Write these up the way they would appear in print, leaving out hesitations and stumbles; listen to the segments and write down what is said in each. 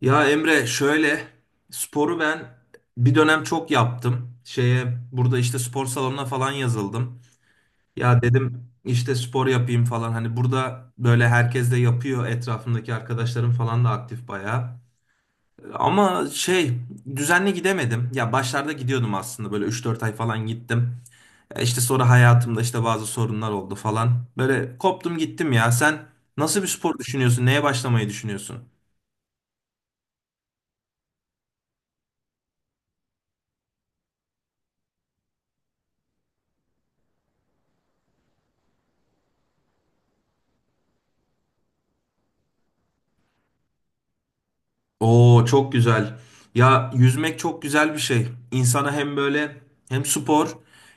Ya Emre şöyle sporu ben bir dönem çok yaptım. Şeye burada işte spor salonuna falan yazıldım. Ya dedim işte spor yapayım falan. Hani burada böyle herkes de yapıyor. Etrafımdaki arkadaşlarım falan da aktif bayağı. Ama şey düzenli gidemedim. Ya başlarda gidiyordum aslında böyle 3-4 ay falan gittim. Ya İşte sonra hayatımda işte bazı sorunlar oldu falan. Böyle koptum gittim ya. Sen nasıl bir spor düşünüyorsun? Neye başlamayı düşünüyorsun? Oo, çok güzel. Ya yüzmek çok güzel bir şey. İnsana hem böyle hem spor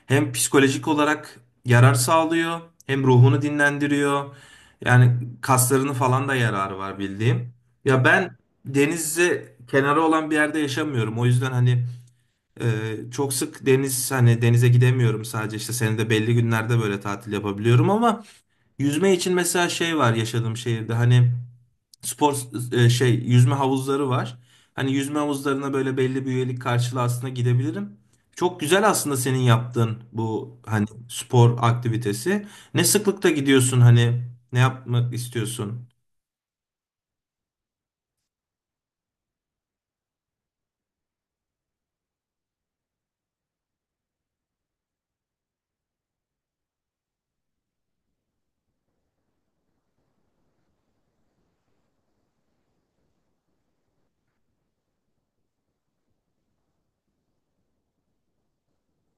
hem psikolojik olarak yarar sağlıyor. Hem ruhunu dinlendiriyor. Yani kaslarını falan da yararı var bildiğim. Ya ben denize kenarı olan bir yerde yaşamıyorum. O yüzden hani e, çok sık deniz hani denize gidemiyorum, sadece işte senede belli günlerde böyle tatil yapabiliyorum ama yüzme için mesela şey var yaşadığım şehirde hani spor şey yüzme havuzları var. Hani yüzme havuzlarına böyle belli bir üyelik karşılığı aslında gidebilirim. Çok güzel aslında senin yaptığın bu hani spor aktivitesi. Ne sıklıkta gidiyorsun hani ne yapmak istiyorsun?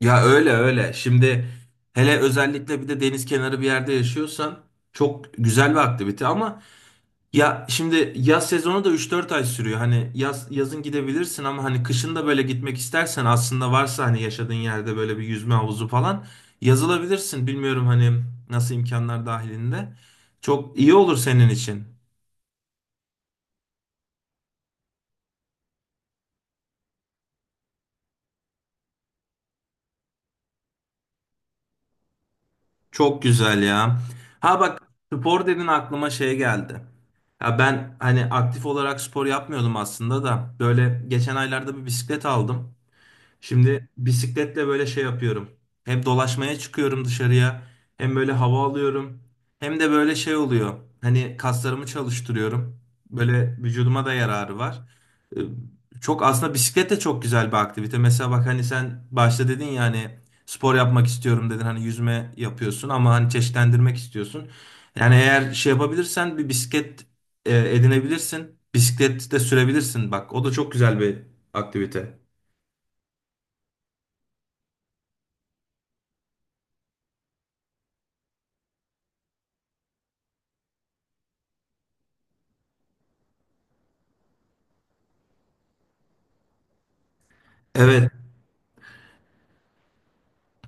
Ya öyle öyle. Şimdi hele özellikle bir de deniz kenarı bir yerde yaşıyorsan çok güzel bir aktivite ama ya şimdi yaz sezonu da 3-4 ay sürüyor. Hani yaz yazın gidebilirsin ama hani kışın da böyle gitmek istersen aslında varsa hani yaşadığın yerde böyle bir yüzme havuzu falan yazılabilirsin. Bilmiyorum hani nasıl imkanlar dahilinde. Çok iyi olur senin için. Çok güzel ya. Ha bak, spor dedin aklıma şey geldi. Ya ben hani aktif olarak spor yapmıyordum aslında da böyle geçen aylarda bir bisiklet aldım. Şimdi bisikletle böyle şey yapıyorum. Hem dolaşmaya çıkıyorum dışarıya, hem böyle hava alıyorum, hem de böyle şey oluyor. Hani kaslarımı çalıştırıyorum. Böyle vücuduma da yararı var. Ee, Çok aslında bisiklet de çok güzel bir aktivite. Mesela bak hani sen başta dedin ya hani spor yapmak istiyorum dedin. Hani yüzme yapıyorsun ama hani çeşitlendirmek istiyorsun. Yani eğer şey yapabilirsen bir bisiklet edinebilirsin. Bisiklet de sürebilirsin. Bak o da çok güzel bir aktivite. Evet.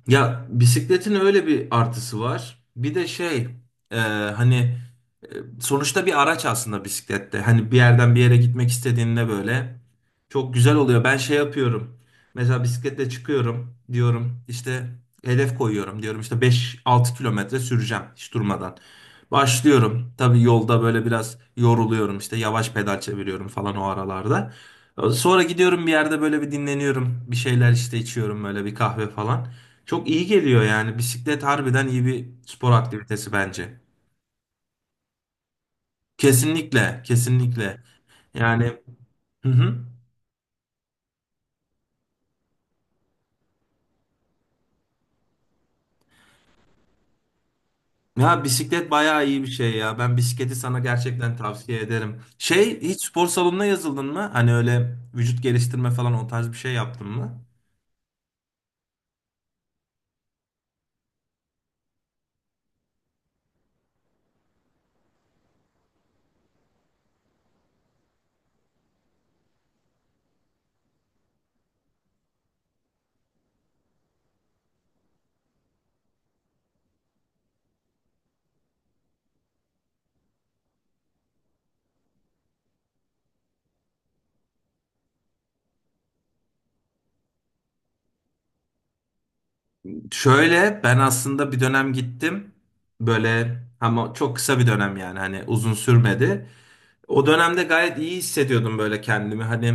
Ya bisikletin öyle bir artısı var. Bir de şey e, hani sonuçta bir araç aslında bisiklette. Hani bir yerden bir yere gitmek istediğinde böyle çok güzel oluyor. Ben şey yapıyorum. Mesela bisikletle çıkıyorum diyorum işte, hedef koyuyorum diyorum işte 5-6 kilometre süreceğim hiç durmadan. Başlıyorum. Tabii yolda böyle biraz yoruluyorum, işte yavaş pedal çeviriyorum falan o aralarda. Sonra gidiyorum bir yerde böyle bir dinleniyorum. Bir şeyler işte içiyorum böyle, bir kahve falan. Çok iyi geliyor yani. Bisiklet harbiden iyi bir spor aktivitesi bence. Kesinlikle, kesinlikle. Yani, hı hı. Ya bisiklet bayağı iyi bir şey ya. Ben bisikleti sana gerçekten tavsiye ederim. Şey, hiç spor salonuna yazıldın mı? Hani öyle vücut geliştirme falan, o tarz bir şey yaptın mı? Şöyle ben aslında bir dönem gittim. Böyle ama çok kısa bir dönem, yani hani uzun sürmedi. O dönemde gayet iyi hissediyordum böyle kendimi. Hani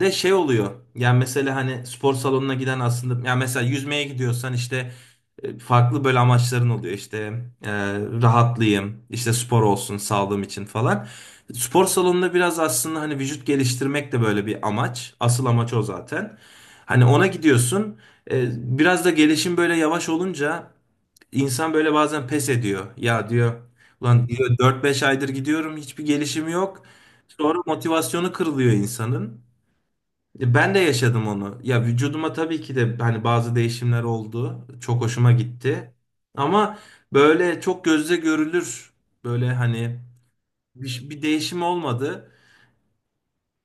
de şey oluyor. Yani mesela hani spor salonuna giden aslında, yani mesela yüzmeye gidiyorsan işte farklı böyle amaçların oluyor. İşte e, rahatlayayım, işte spor olsun sağlığım için falan. Spor salonunda biraz aslında hani vücut geliştirmek de böyle bir amaç. Asıl amaç o zaten. Hani ona gidiyorsun. E, Biraz da gelişim böyle yavaş olunca insan böyle bazen pes ediyor. Ya diyor, ulan diyor 4-5 aydır gidiyorum hiçbir gelişim yok. Sonra motivasyonu kırılıyor insanın. Ben de yaşadım onu. Ya vücuduma tabii ki de hani bazı değişimler oldu. Çok hoşuma gitti. Ama böyle çok gözle görülür, böyle hani bir değişim olmadı.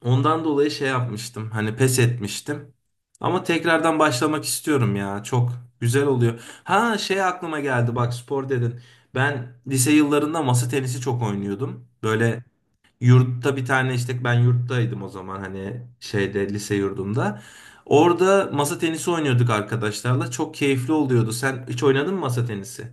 Ondan dolayı şey yapmıştım. Hani pes etmiştim. Ama tekrardan başlamak istiyorum ya. Çok güzel oluyor. Ha, şey aklıma geldi. Bak, spor dedin. Ben lise yıllarında masa tenisi çok oynuyordum. Böyle yurtta bir tane, işte ben yurttaydım o zaman, hani şeyde lise yurdumda. Orada masa tenisi oynuyorduk arkadaşlarla. Çok keyifli oluyordu. Sen hiç oynadın mı masa tenisi?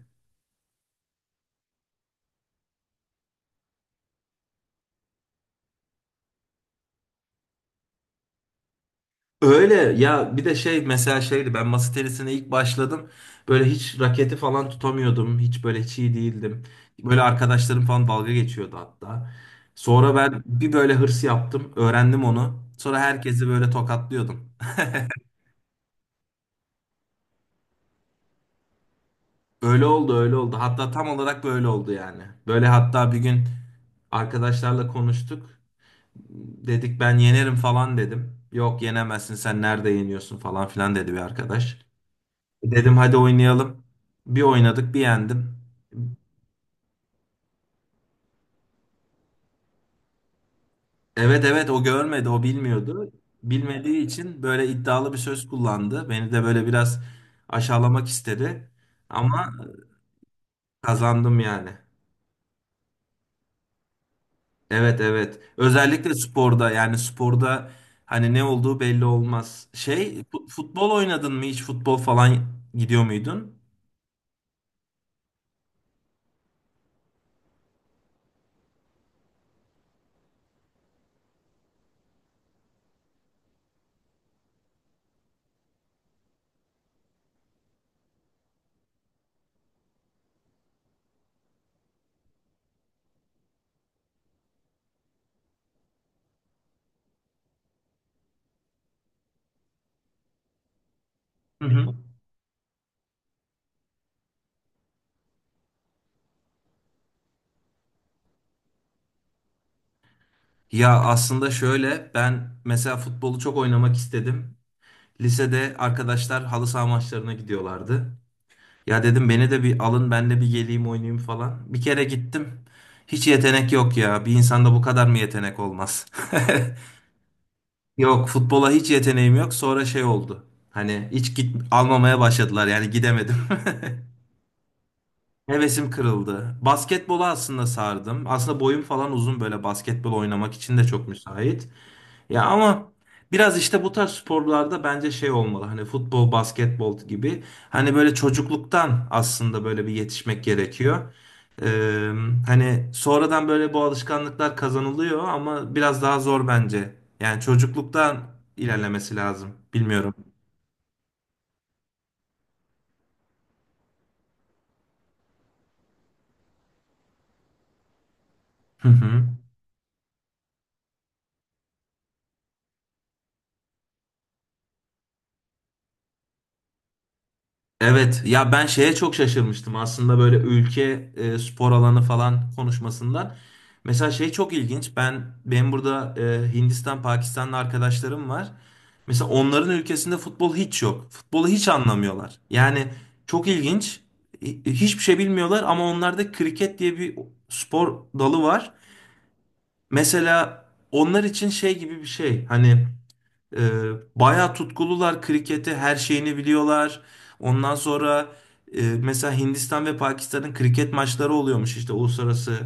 Öyle ya, bir de şey mesela şeydi, ben masa tenisine ilk başladım böyle, hiç raketi falan tutamıyordum, hiç böyle hiç iyi değildim. Böyle arkadaşlarım falan dalga geçiyordu hatta. Sonra ben bir böyle hırs yaptım, öğrendim onu, sonra herkesi böyle tokatlıyordum. Öyle oldu, öyle oldu, hatta tam olarak böyle oldu yani. Böyle, hatta bir gün arkadaşlarla konuştuk, dedik ben yenerim falan, dedim yok yenemezsin sen, nerede yeniyorsun falan filan dedi bir arkadaş. Dedim hadi oynayalım. Bir oynadık, bir yendim. Evet, evet, o görmedi, o bilmiyordu. Bilmediği için böyle iddialı bir söz kullandı. Beni de böyle biraz aşağılamak istedi. Ama kazandım yani. Evet, evet. Özellikle sporda, yani sporda hani ne olduğu belli olmaz. Şey futbol oynadın mı hiç, futbol falan gidiyor muydun? Hı hı. Ya aslında şöyle, ben mesela futbolu çok oynamak istedim. Lisede arkadaşlar halı saha maçlarına gidiyorlardı. Ya dedim beni de bir alın, ben de bir geleyim oynayayım falan. Bir kere gittim. Hiç yetenek yok ya. Bir insanda bu kadar mı yetenek olmaz? Yok, futbola hiç yeteneğim yok. Sonra şey oldu. Hani hiç git almamaya başladılar, yani gidemedim. Hevesim kırıldı. Basketbola aslında sardım. Aslında boyum falan uzun, böyle basketbol oynamak için de çok müsait. Ya ama biraz işte bu tarz sporlarda bence şey olmalı. Hani futbol, basketbol gibi. Hani böyle çocukluktan aslında böyle bir yetişmek gerekiyor. Ee, hani sonradan böyle bu alışkanlıklar kazanılıyor ama biraz daha zor bence. Yani çocukluktan ilerlemesi lazım. Bilmiyorum. Hı hı. Evet ya, ben şeye çok şaşırmıştım aslında böyle, ülke spor alanı falan konuşmasından. Mesela şey çok ilginç. Ben, benim burada Hindistan, Pakistanlı arkadaşlarım var. Mesela onların ülkesinde futbol hiç yok. Futbolu hiç anlamıyorlar. Yani çok ilginç. Hiçbir şey bilmiyorlar ama onlarda kriket diye bir spor dalı var. Mesela onlar için şey gibi bir şey. Hani ee, bayağı tutkulular kriketi, her şeyini biliyorlar. Ondan sonra mesela Hindistan ve Pakistan'ın kriket maçları oluyormuş işte uluslararası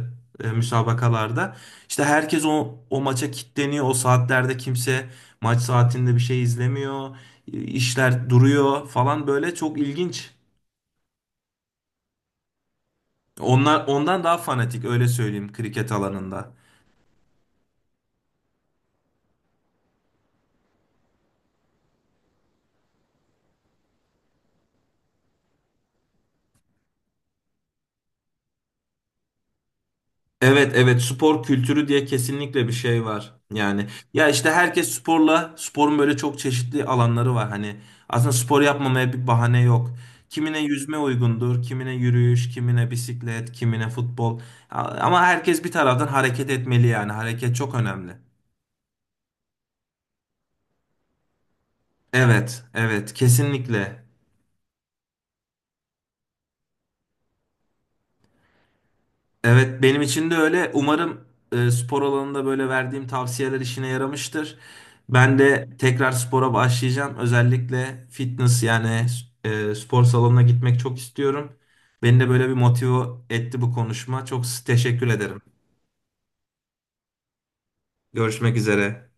müsabakalarda. İşte herkes o maça kilitleniyor. O saatlerde kimse, maç saatinde bir şey izlemiyor. İşler duruyor falan, böyle çok ilginç. Onlar ondan daha fanatik, öyle söyleyeyim, kriket alanında. Evet, evet, spor kültürü diye kesinlikle bir şey var. Yani ya işte herkes sporla, sporun böyle çok çeşitli alanları var. Hani aslında spor yapmamaya bir bahane yok. Kimine yüzme uygundur, kimine yürüyüş, kimine bisiklet, kimine futbol. Ama herkes bir taraftan hareket etmeli yani. Hareket çok önemli. Evet, evet, kesinlikle. Evet, benim için de öyle. Umarım spor alanında böyle verdiğim tavsiyeler işine yaramıştır. Ben de tekrar spora başlayacağım. Özellikle fitness, yani spor salonuna gitmek çok istiyorum. Beni de böyle bir motive etti bu konuşma. Çok teşekkür ederim. Görüşmek üzere.